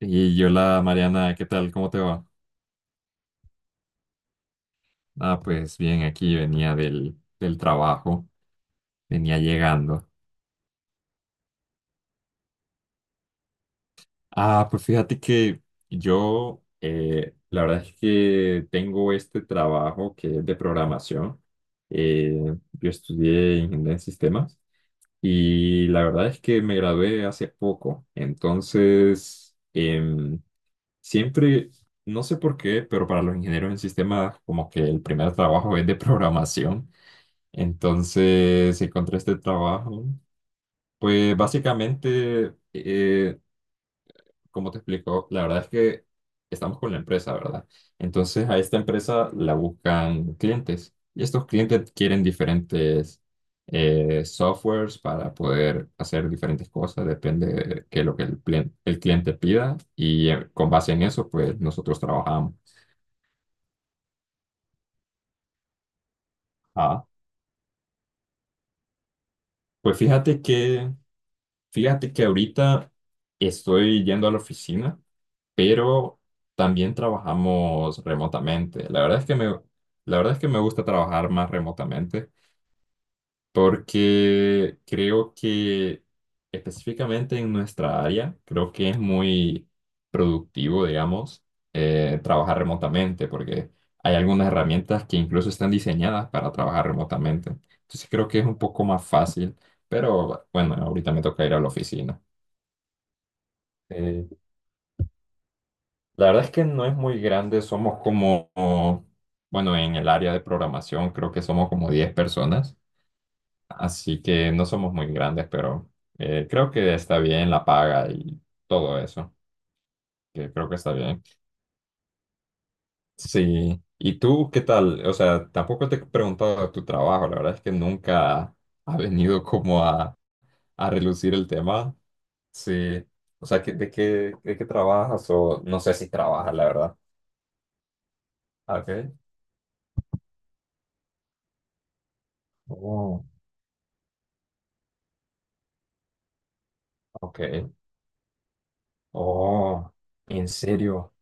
Y yo, la Mariana, ¿qué tal? ¿Cómo te va? Ah, pues bien, aquí venía del trabajo, venía llegando. Ah, pues fíjate que yo, la verdad es que tengo este trabajo que es de programación. Yo estudié ingeniería en sistemas y la verdad es que me gradué hace poco. Entonces, siempre, no sé por qué, pero para los ingenieros en sistemas, como que el primer trabajo es de programación. Entonces si encontré este trabajo. Pues básicamente, como te explico, la verdad es que estamos con la empresa, ¿verdad? Entonces a esta empresa la buscan clientes y estos clientes quieren diferentes softwares para poder hacer diferentes cosas, depende de qué es lo que el, el cliente pida y con base en eso, pues nosotros trabajamos. Ah, pues fíjate que, fíjate que ahorita estoy yendo a la oficina pero también trabajamos remotamente. La verdad es que me gusta trabajar más remotamente porque creo que específicamente en nuestra área, creo que es muy productivo, digamos, trabajar remotamente porque hay algunas herramientas que incluso están diseñadas para trabajar remotamente. Entonces creo que es un poco más fácil, pero bueno, ahorita me toca ir a la oficina. La verdad es que no es muy grande, somos como, bueno, en el área de programación creo que somos como 10 personas, así que no somos muy grandes, pero creo que está bien la paga y todo eso, que creo que está bien. Sí, ¿y tú qué tal? O sea, tampoco te he preguntado de tu trabajo, la verdad es que nunca ha venido como a relucir el tema. Sí, o sea, ¿qué- ¿de qué, de qué trabajas? O no sé si trabajas, la verdad. Okay. Oh, ok. Oh, ¿en serio?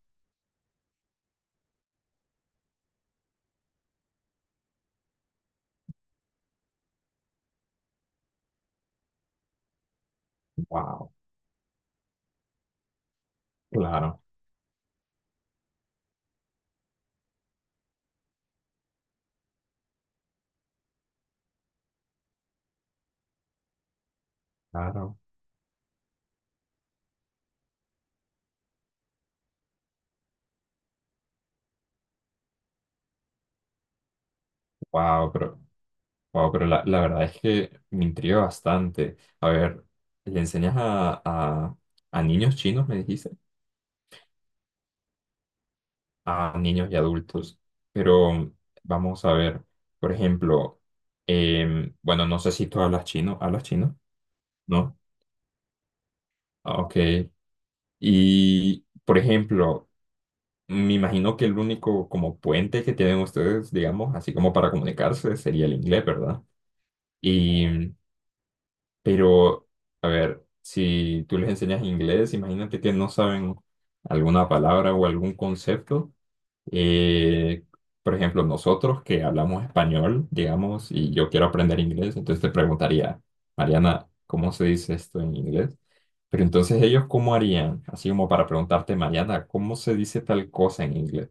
Wow, claro, claro. Wow, pero, wow, pero la verdad es que me intriga bastante. A ver, ¿le enseñas a niños chinos, me dijiste? A niños y adultos. Pero vamos a ver, por ejemplo, bueno, no sé si tú hablas chino, ¿hablas chino? ¿No? Ah, ok. Y, por ejemplo, me imagino que el único como puente que tienen ustedes, digamos, así como para comunicarse, sería el inglés, ¿verdad? Y, pero, a ver, si tú les enseñas inglés, imagínate que no saben alguna palabra o algún concepto. Eh, por ejemplo, nosotros que hablamos español, digamos, y yo quiero aprender inglés, entonces te preguntaría, Mariana, ¿cómo se dice esto en inglés? Pero entonces ellos, ¿cómo harían? Así como para preguntarte, Mariana, ¿cómo se dice tal cosa en inglés?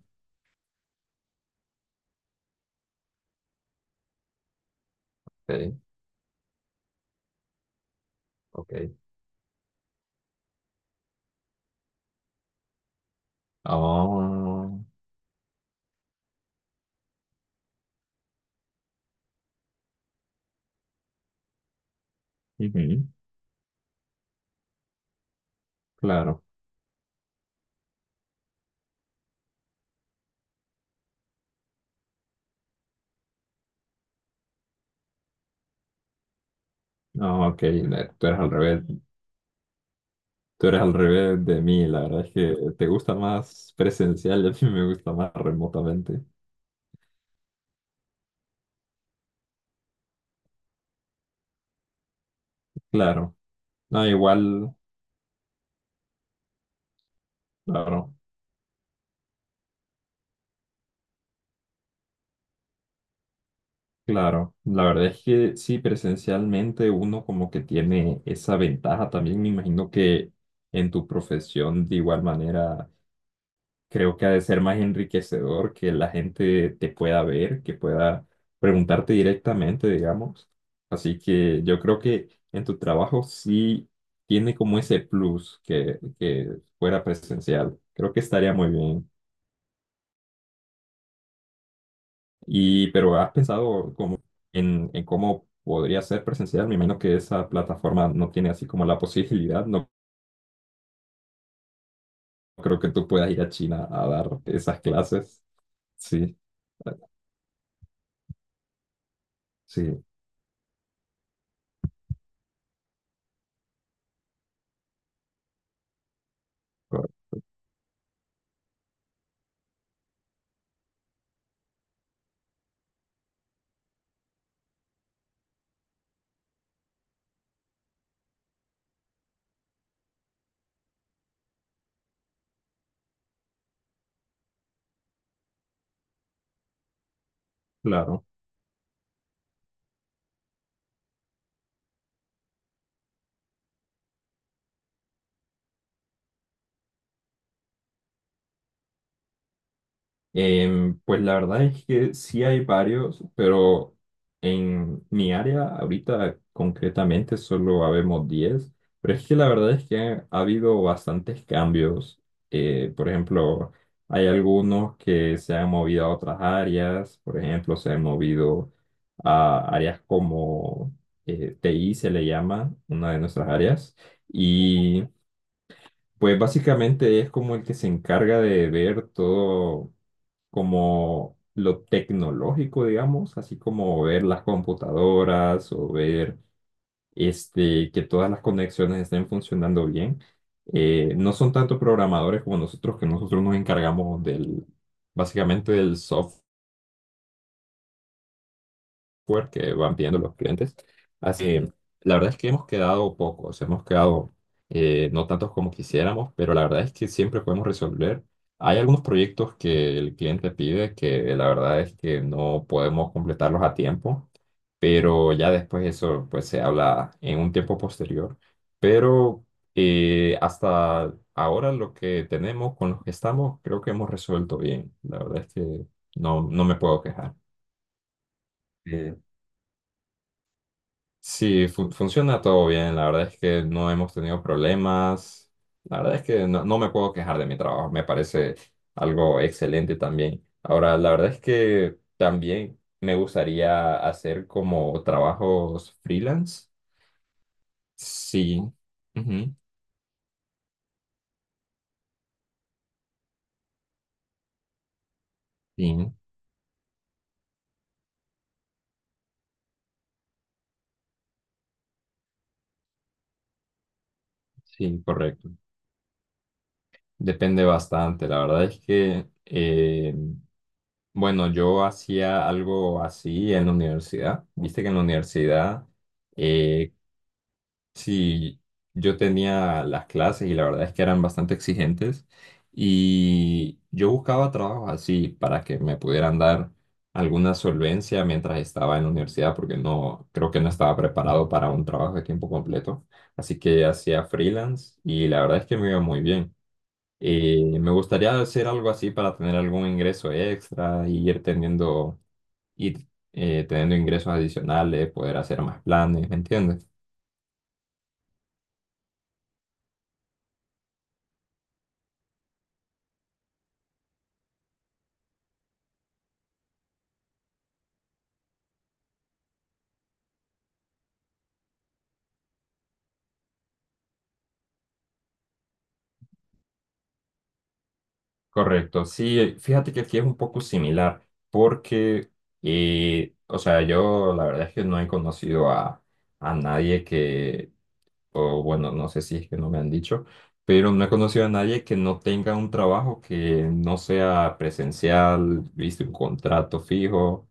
Ok, ok. Ah, ujú, claro. Ah, ok, tú eres al revés. Tú eres al revés de mí, la verdad es que te gusta más presencial y a mí me gusta más remotamente. Claro, no, igual, claro, claro. La verdad es que sí, presencialmente uno como que tiene esa ventaja también. Me imagino que en tu profesión de igual manera creo que ha de ser más enriquecedor que la gente te pueda ver, que pueda preguntarte directamente, digamos. Así que yo creo que en tu trabajo sí tiene como ese plus que fuera presencial. Creo que estaría muy bien. Y, pero ¿has pensado como en cómo podría ser presencial? Me imagino que esa plataforma no tiene así como la posibilidad. No creo que tú puedas ir a China a dar esas clases. Sí, sí, claro. Pues la verdad es que sí hay varios, pero en mi área ahorita concretamente solo habemos 10 pero es que la verdad es que ha, ha habido bastantes cambios. Por ejemplo, hay algunos que se han movido a otras áreas, por ejemplo, se han movido a áreas como TI se le llama, una de nuestras áreas, y pues básicamente es como el que se encarga de ver todo como lo tecnológico, digamos, así como ver las computadoras o ver este, que todas las conexiones estén funcionando bien. No son tanto programadores como nosotros, que nosotros nos encargamos del, básicamente del software que van pidiendo los clientes. Así, que, la verdad es que hemos quedado pocos, hemos quedado no tantos como quisiéramos, pero la verdad es que siempre podemos resolver. Hay algunos proyectos que el cliente pide que la verdad es que no podemos completarlos a tiempo, pero ya después eso pues se habla en un tiempo posterior. Pero hasta ahora lo que tenemos con los que estamos creo que hemos resuelto bien. La verdad es que no me puedo quejar. Eh, Sí, funciona todo bien. La verdad es que no hemos tenido problemas. La verdad es que no me puedo quejar de mi trabajo. Me parece algo excelente también. Ahora, la verdad es que también me gustaría hacer como trabajos freelance. Sí, ujú, sí, sí, correcto. Depende bastante. La verdad es que, bueno, yo hacía algo así en la universidad. Viste que en la universidad eh, sí, yo tenía las clases y la verdad es que eran bastante exigentes y yo buscaba trabajos así para que me pudieran dar alguna solvencia mientras estaba en la universidad porque no creo que no estaba preparado para un trabajo de tiempo completo, así que hacía freelance y la verdad es que me iba muy bien. Me gustaría hacer algo así para tener algún ingreso extra y ir teniendo ir, teniendo ingresos adicionales, poder hacer más planes, ¿me entiendes? Correcto, sí, fíjate que aquí es un poco similar, porque, o sea, yo la verdad es que no he conocido a nadie que, o bueno, no sé si es que no me han dicho, pero no he conocido a nadie que no tenga un trabajo que no sea presencial, viste, un contrato fijo.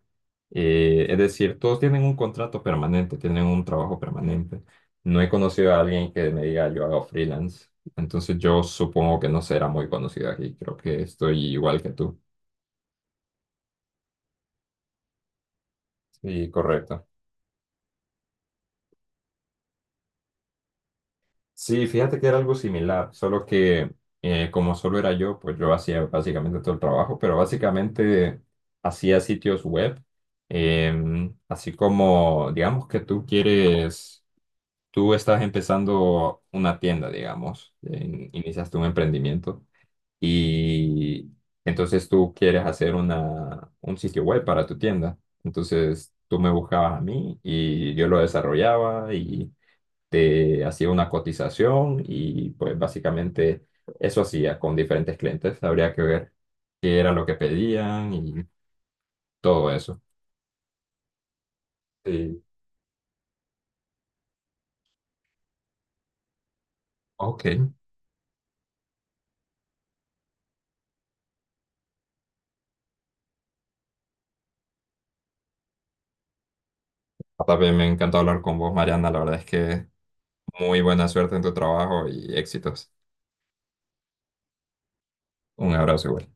Es decir, todos tienen un contrato permanente, tienen un trabajo permanente. No he conocido a alguien que me diga yo hago freelance. Entonces yo supongo que no será muy conocido aquí. Creo que estoy igual que tú. Sí, correcto. Sí, fíjate que era algo similar, solo que como solo era yo, pues yo hacía básicamente todo el trabajo, pero básicamente hacía sitios web, así como, digamos que tú quieres, tú estás empezando una tienda, digamos, iniciaste un emprendimiento y entonces tú quieres hacer un sitio web para tu tienda, entonces tú me buscabas a mí y yo lo desarrollaba te hacía una cotización y pues básicamente eso hacía con diferentes clientes. Habría que ver qué era lo que pedían y todo eso. Sí. Ok. También me encantó hablar con vos, Mariana. La verdad es que muy buena suerte en tu trabajo y éxitos. Un abrazo. Igual.